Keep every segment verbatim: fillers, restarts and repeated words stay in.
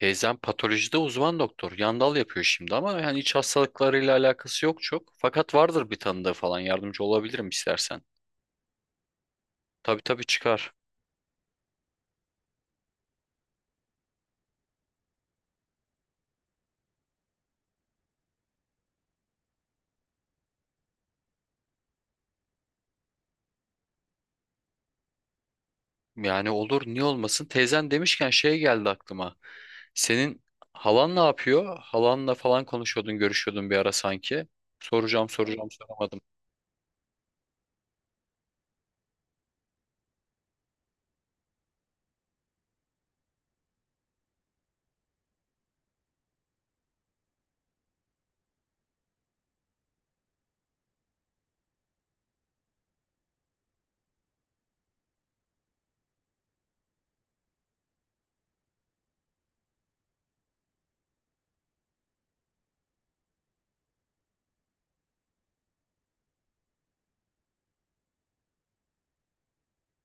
Teyzem patolojide uzman doktor. Yandal yapıyor şimdi ama yani iç hastalıklarıyla alakası yok çok. Fakat vardır bir tanıdığı falan, yardımcı olabilirim istersen. Tabii tabii, çıkar. Yani olur, niye olmasın. Teyzen demişken şey geldi aklıma. Senin halan ne yapıyor? Halanla falan konuşuyordun, görüşüyordun bir ara sanki. Soracağım soracağım, soramadım.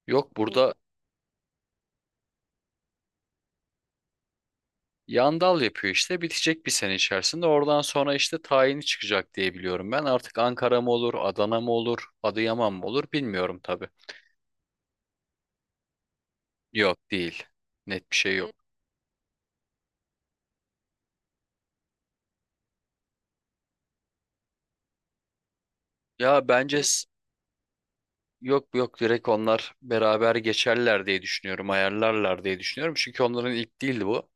Yok yok, burada yandal yapıyor işte. Bitecek bir sene içerisinde. Oradan sonra işte tayini çıkacak diye biliyorum ben. Artık Ankara mı olur, Adana mı olur, Adıyaman mı olur, bilmiyorum tabii. Yok, değil. Net bir şey E, yok. Ya bence e, s- yok yok, direkt onlar beraber geçerler diye düşünüyorum. Ayarlarlar diye düşünüyorum. Çünkü onların ilk değildi bu.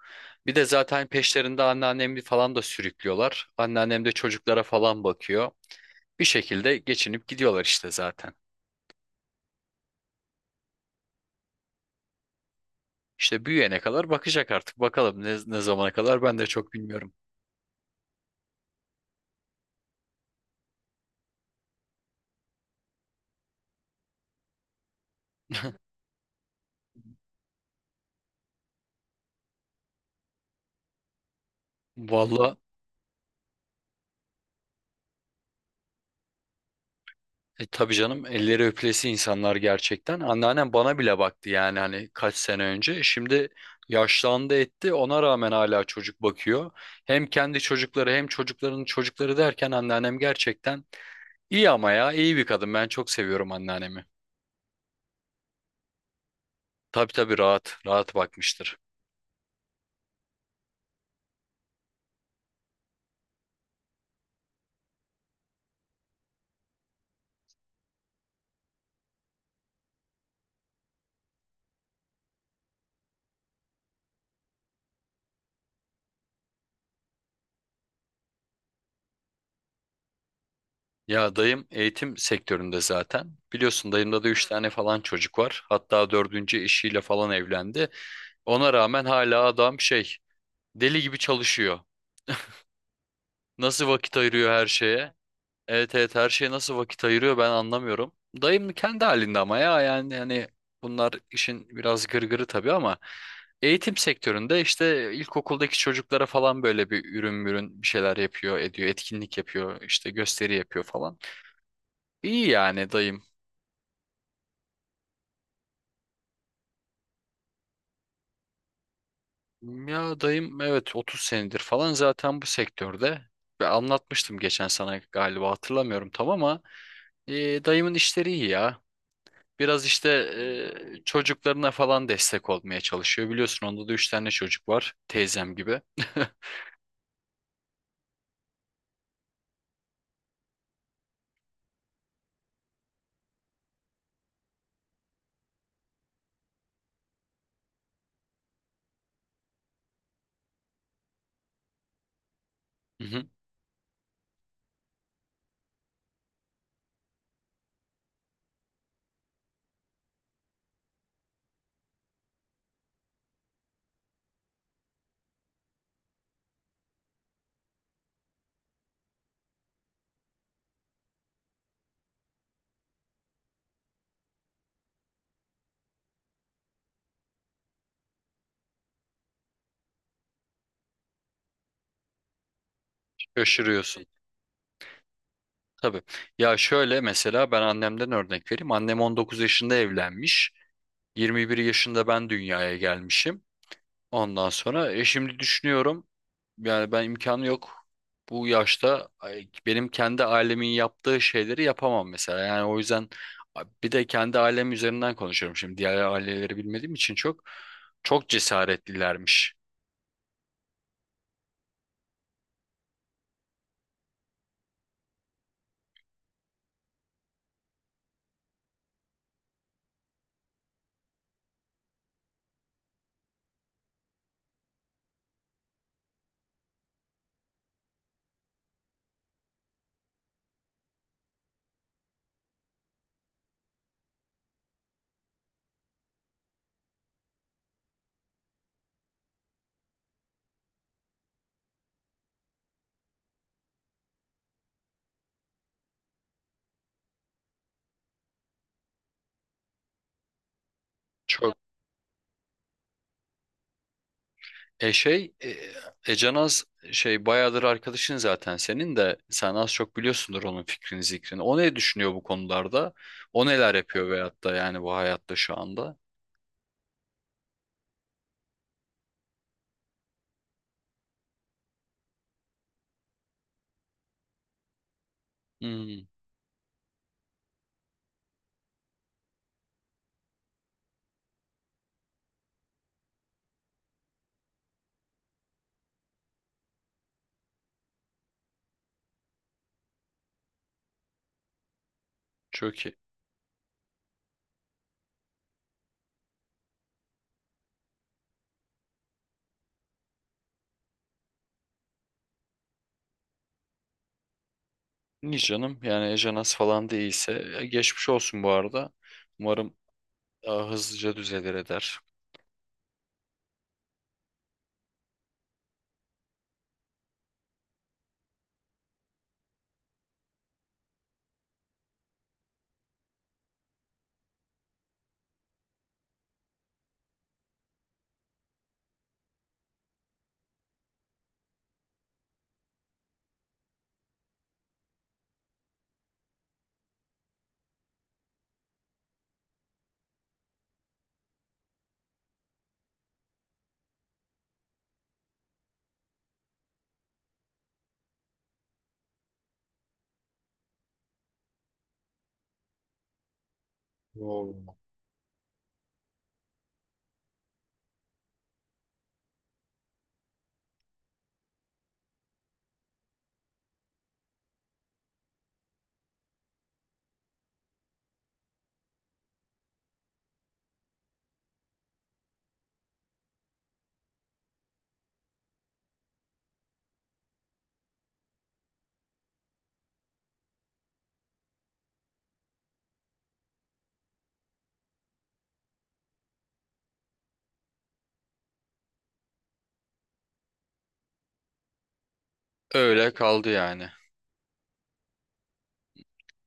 Bir de zaten peşlerinde anneannemi falan da sürüklüyorlar. Anneannem de çocuklara falan bakıyor. Bir şekilde geçinip gidiyorlar işte zaten. İşte büyüyene kadar bakacak artık. Bakalım ne, ne zamana kadar, ben de çok bilmiyorum. Vallahi. E, tabii canım, elleri öpülesi insanlar gerçekten. Anneannem bana bile baktı yani, hani kaç sene önce. Şimdi yaşlandı etti, ona rağmen hala çocuk bakıyor. Hem kendi çocukları hem çocukların çocukları derken anneannem gerçekten iyi, ama ya iyi bir kadın. Ben çok seviyorum anneannemi. Tabii tabii, rahat rahat bakmıştır. Ya dayım eğitim sektöründe zaten. Biliyorsun, dayımda da üç tane falan çocuk var. Hatta dördüncü eşiyle falan evlendi. Ona rağmen hala adam şey, deli gibi çalışıyor. Nasıl vakit ayırıyor her şeye? Evet evet, her şeye nasıl vakit ayırıyor ben anlamıyorum. Dayım kendi halinde ama ya, yani hani bunlar işin biraz gırgırı tabii, ama eğitim sektöründe işte ilkokuldaki çocuklara falan böyle bir ürün mürün bir şeyler yapıyor, ediyor, etkinlik yapıyor, işte gösteri yapıyor falan. İyi yani dayım. Ya dayım, evet, otuz senedir falan zaten bu sektörde. Ve anlatmıştım geçen sana galiba, hatırlamıyorum tam, ama e, dayımın işleri iyi ya. Biraz işte e, çocuklarına falan destek olmaya çalışıyor. Biliyorsun, onda da üç tane çocuk var. Teyzem gibi. Hı hı. Şaşırıyorsun. Tabii. Ya şöyle, mesela ben annemden örnek vereyim. Annem on dokuz yaşında evlenmiş. Yirmi bir yaşında ben dünyaya gelmişim. Ondan sonra e, şimdi düşünüyorum yani ben, imkanı yok. Bu yaşta ay, benim kendi ailemin yaptığı şeyleri yapamam mesela. Yani o yüzden a, bir de kendi ailem üzerinden konuşuyorum şimdi. Diğer aileleri bilmediğim için çok çok cesaretlilermiş. Çok e şey e, e, şey, bayağıdır arkadaşın zaten senin de, sen az çok biliyorsundur onun fikrini zikrini. O ne düşünüyor bu konularda? O neler yapıyor, veyahut da yani bu hayatta şu anda? Hmm, çok iyi. Niye canım? Yani Ejanas falan değilse, e, geçmiş olsun bu arada. Umarım daha hızlıca düzelir eder. Öyle kaldı yani.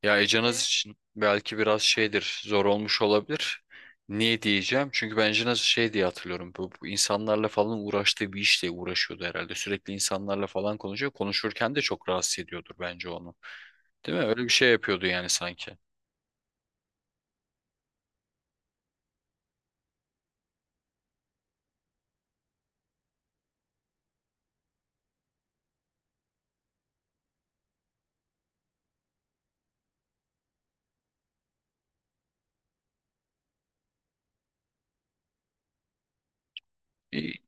Ya Ejanas için belki biraz şeydir, zor olmuş olabilir. Niye diyeceğim? Çünkü ben Ejanas'ı şey diye hatırlıyorum. Bu, bu insanlarla falan uğraştığı bir işle uğraşıyordu herhalde. Sürekli insanlarla falan konuşuyor. Konuşurken de çok rahatsız ediyordur bence onu. Değil mi? Öyle bir Hmm. şey yapıyordu yani sanki. E,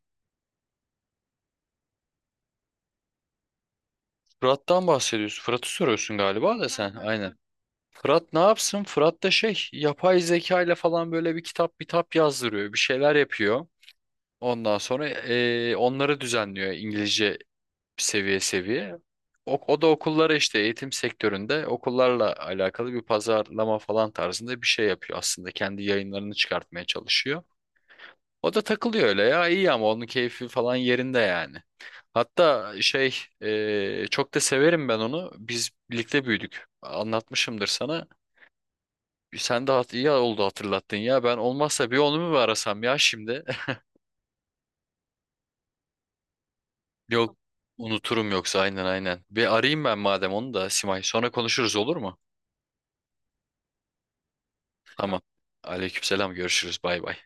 Fırat'tan bahsediyorsun. Fırat'ı soruyorsun galiba da sen. Aha. Aynen. Fırat ne yapsın? Fırat da şey, yapay zeka ile falan böyle bir kitap bir tap yazdırıyor. Bir şeyler yapıyor. Ondan sonra eee, onları düzenliyor, İngilizce, seviye seviye. O, o da okullara işte, eğitim sektöründe okullarla alakalı bir pazarlama falan tarzında bir şey yapıyor aslında. Kendi yayınlarını çıkartmaya çalışıyor. O da takılıyor öyle ya, iyi, ama onun keyfi falan yerinde yani. Hatta şey, eee, çok da severim ben onu. Biz birlikte büyüdük. Anlatmışımdır sana. Sen de hat iyi oldu hatırlattın ya. Ben, olmazsa bir onu mu arasam ya şimdi? Yok, unuturum yoksa, aynen aynen. Bir arayayım ben madem onu da Simay. Sonra konuşuruz, olur mu? Tamam. Aleykümselam, görüşürüz, bay bay.